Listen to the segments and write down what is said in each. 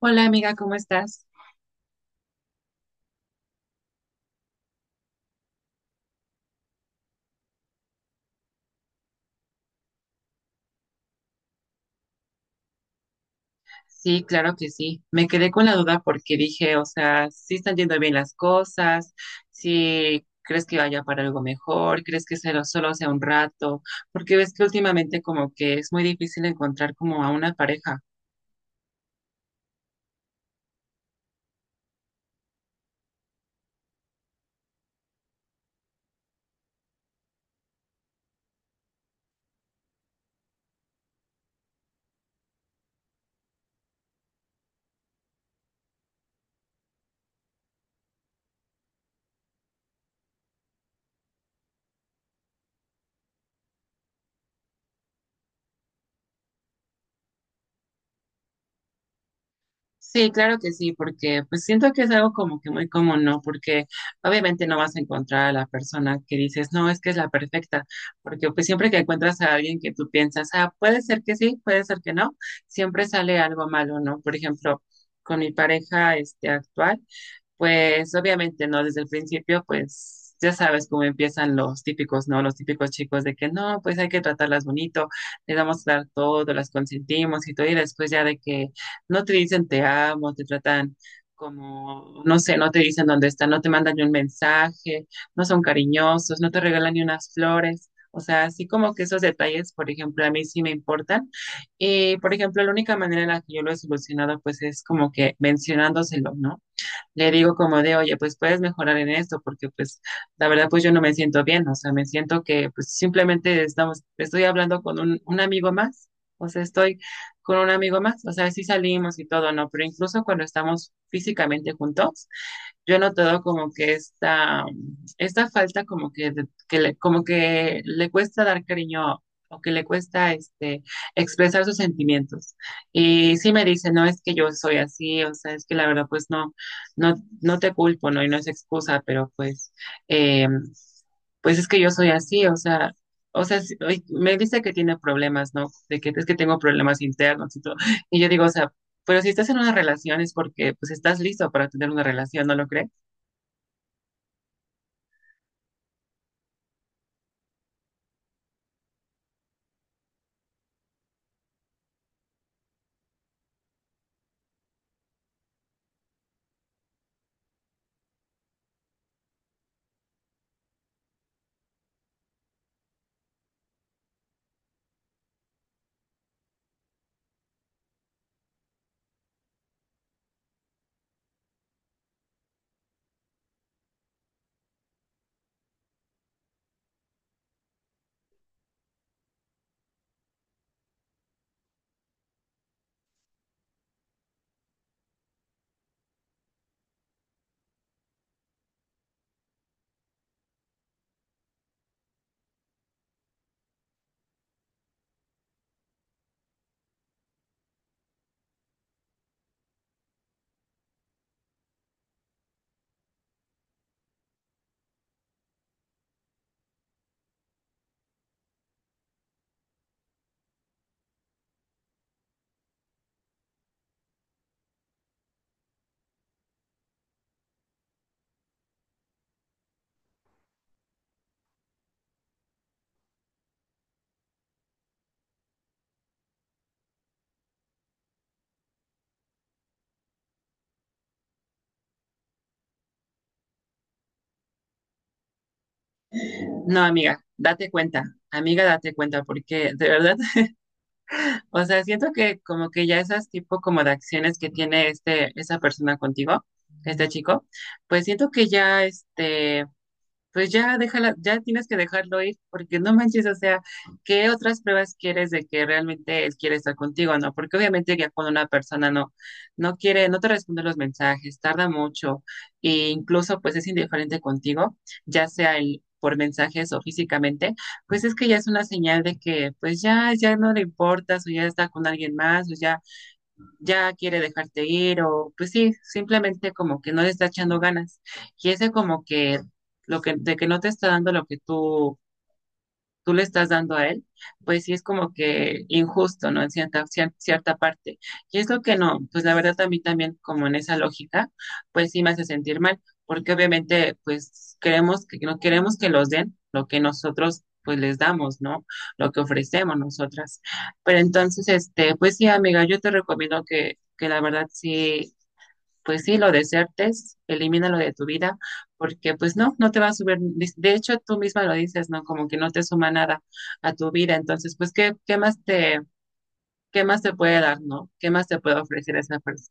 Hola amiga, ¿cómo estás? Sí, claro que sí. Me quedé con la duda porque dije, o sea, si están yendo bien las cosas, si crees que vaya para algo mejor, crees que solo sea un rato, porque ves que últimamente como que es muy difícil encontrar como a una pareja. Sí, claro que sí, porque pues siento que es algo como que muy común, ¿no? Porque obviamente no vas a encontrar a la persona que dices, no, es que es la perfecta, porque pues siempre que encuentras a alguien que tú piensas, ah, puede ser que sí, puede ser que no, siempre sale algo malo, ¿no? Por ejemplo, con mi pareja este actual. Pues obviamente no, desde el principio, pues ya sabes cómo empiezan los típicos, ¿no? Los típicos chicos de que no, pues hay que tratarlas bonito, les vamos a dar todo, las consentimos y todo, y después ya de que no te dicen te amo, te tratan como, no sé, no te dicen dónde están, no te mandan ni un mensaje, no son cariñosos, no te regalan ni unas flores. O sea, así como que esos detalles, por ejemplo, a mí sí me importan. Y, por ejemplo, la única manera en la que yo lo he solucionado, pues es como que mencionándoselo, ¿no? Le digo como de, oye, pues puedes mejorar en esto, porque pues la verdad pues yo no me siento bien, o sea, me siento que pues simplemente estamos, estoy hablando con un amigo más, o sea, estoy con un amigo más, o sea, sí salimos y todo, ¿no? Pero incluso cuando estamos físicamente juntos, yo he notado como que esta falta como que, que le, como que le cuesta dar cariño o que le cuesta expresar sus sentimientos. Y sí me dice, no es que yo soy así, o sea, es que la verdad pues no, no, no te culpo, ¿no? Y no es excusa, pero pues, eh, pues es que yo soy así, o sea. O sea, sí, ay, me dice que tiene problemas, ¿no? De que es que tengo problemas internos y todo. Y yo digo, o sea, pero si estás en una relación es porque pues estás listo para tener una relación, ¿no lo crees? No, amiga, date cuenta, porque de verdad, o sea, siento que como que ya esas tipo como de acciones que tiene este, esa persona contigo, este chico, pues siento que ya pues ya déjala, ya tienes que dejarlo ir, porque no manches, o sea, ¿qué otras pruebas quieres de que realmente él quiere estar contigo, no? Porque obviamente ya cuando una persona no, no quiere, no te responde los mensajes, tarda mucho, e incluso pues es indiferente contigo, ya sea el por mensajes o físicamente, pues es que ya es una señal de que pues ya, ya no le importas, o ya está con alguien más, o ya ya quiere dejarte ir o pues sí, simplemente como que no le está echando ganas. Y ese como que lo que de que no te está dando lo que tú le estás dando a él, pues sí es como que injusto, ¿no? En cierta, cierta parte. Y es lo que no, pues la verdad a mí también como en esa lógica, pues sí me hace sentir mal, porque obviamente pues queremos que no queremos que los den lo que nosotros pues les damos, ¿no? Lo que ofrecemos nosotras. Pero entonces, pues sí, amiga, yo te recomiendo que la verdad sí pues sí, lo desertes, elimínalo de tu vida, porque pues no, no te va a subir, de hecho tú misma lo dices, ¿no? Como que no te suma nada a tu vida, entonces pues ¿qué, qué más te puede dar, ¿no? ¿Qué más te puede ofrecer esa persona?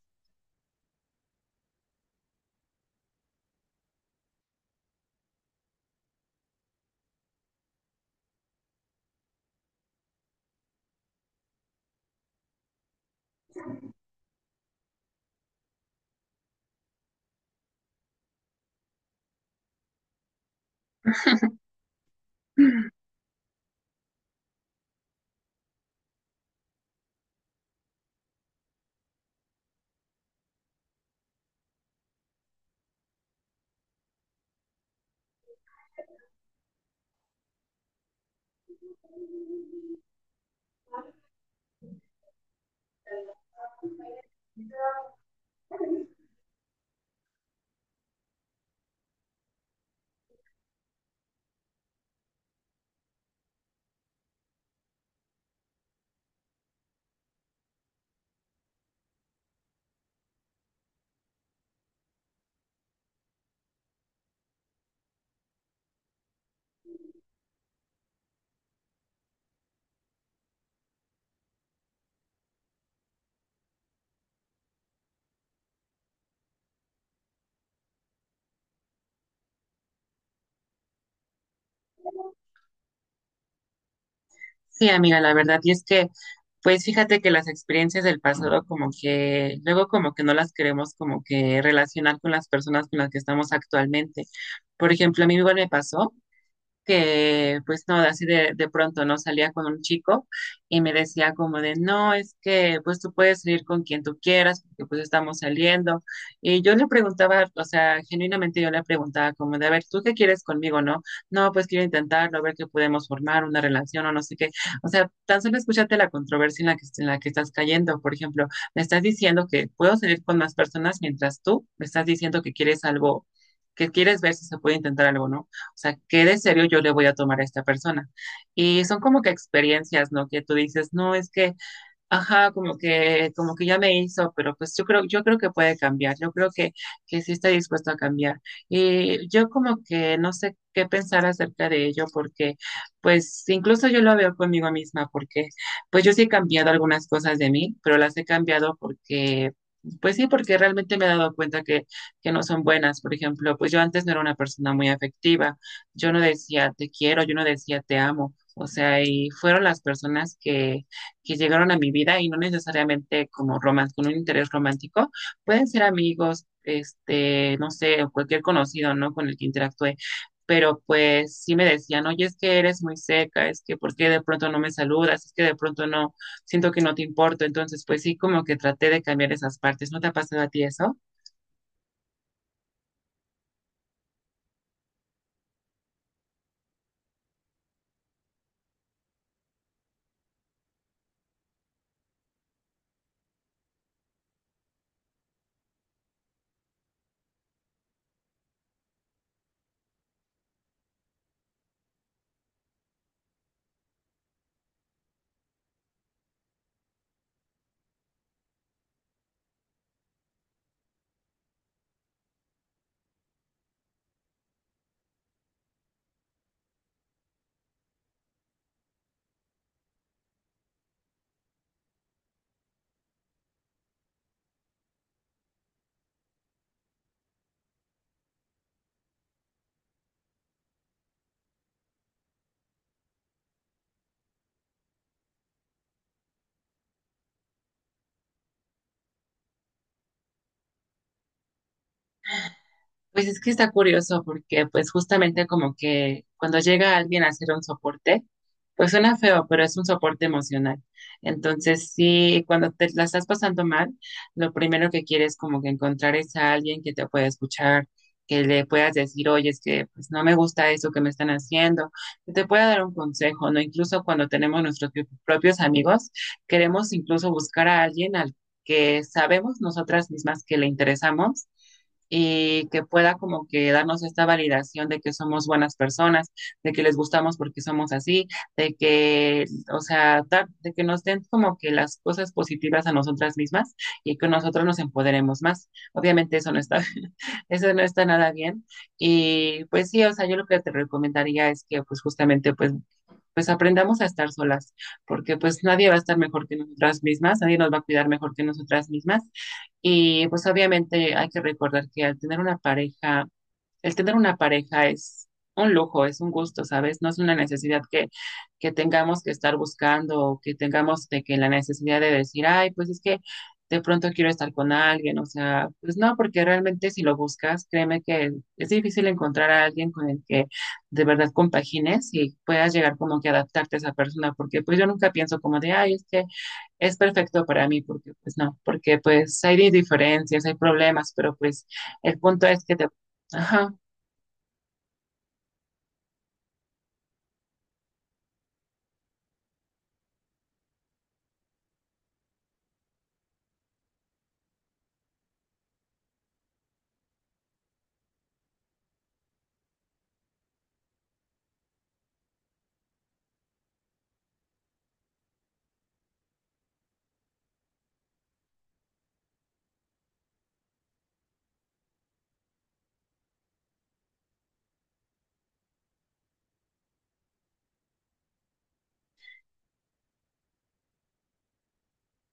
Sí, amiga, la verdad, y es que pues fíjate que las experiencias del pasado como que luego como que no las queremos como que relacionar con las personas con las que estamos actualmente. Por ejemplo, a mí igual me pasó que pues no, así de pronto no salía con un chico y me decía como de, no, es que pues tú puedes salir con quien tú quieras, porque pues estamos saliendo. Y yo le preguntaba, o sea, genuinamente yo le preguntaba como de, a ver, ¿tú qué quieres conmigo, no? No, pues quiero intentarlo, a ver qué podemos formar, una relación o no sé qué. O sea, tan solo escúchate la controversia en la en la que estás cayendo. Por ejemplo, me estás diciendo que puedo salir con más personas mientras tú me estás diciendo que quieres algo, que quieres ver si se puede intentar algo, ¿no? O sea, ¿qué de serio yo le voy a tomar a esta persona? Y son como que experiencias, ¿no? Que tú dices, no, es que ajá, como que ya me hizo, pero pues yo creo que puede cambiar, yo creo que sí está dispuesto a cambiar. Y yo como que no sé qué pensar acerca de ello, porque pues incluso yo lo veo conmigo misma, porque pues yo sí he cambiado algunas cosas de mí, pero las he cambiado porque, pues sí, porque realmente me he dado cuenta que no son buenas. Por ejemplo, pues yo antes no era una persona muy afectiva, yo no decía te quiero, yo no decía te amo. O sea, y fueron las personas que llegaron a mi vida y no necesariamente como romance, con un interés romántico, pueden ser amigos, no sé, o cualquier conocido, ¿no? Con el que interactué. Pero pues sí me decían, oye, es que eres muy seca, es que por qué de pronto no me saludas, es que de pronto no, siento que no te importo. Entonces, pues sí, como que traté de cambiar esas partes. ¿No te ha pasado a ti eso? Pues es que está curioso porque pues justamente como que cuando llega alguien a hacer un soporte, pues suena feo, pero es un soporte emocional. Entonces sí, cuando te la estás pasando mal, lo primero que quieres como que encontrar es a alguien que te pueda escuchar, que le puedas decir, oye, es que pues no me gusta eso que me están haciendo, que te pueda dar un consejo, ¿no? Incluso cuando tenemos nuestros propios amigos, queremos incluso buscar a alguien al que sabemos nosotras mismas que le interesamos y que pueda como que darnos esta validación de que somos buenas personas, de que les gustamos porque somos así, de que, o sea, de que nos den como que las cosas positivas a nosotras mismas y que nosotros nos empoderemos más. Obviamente eso no está, eso no está nada bien. Y pues sí, o sea, yo lo que te recomendaría es que pues justamente pues aprendamos a estar solas, porque pues nadie va a estar mejor que nosotras mismas, nadie nos va a cuidar mejor que nosotras mismas y pues obviamente hay que recordar que al tener una pareja, el tener una pareja es un lujo, es un gusto, ¿sabes? No es una necesidad que tengamos que estar buscando o que tengamos de que la necesidad de decir, ay, pues es que de pronto quiero estar con alguien, o sea, pues no, porque realmente si lo buscas, créeme que es difícil encontrar a alguien con el que de verdad compagines y puedas llegar como que a adaptarte a esa persona, porque pues yo nunca pienso como de, ay, es que es perfecto para mí, porque pues no, porque pues hay diferencias, hay problemas, pero pues el punto es que te... Ajá,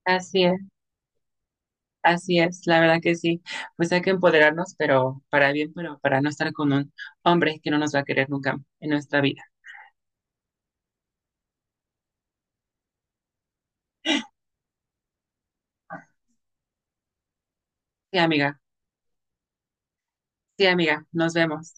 así es, así es, la verdad que sí, pues hay que empoderarnos, pero para bien, pero para no estar con un hombre que no nos va a querer nunca en nuestra vida. Sí, amiga, sí, amiga, nos vemos.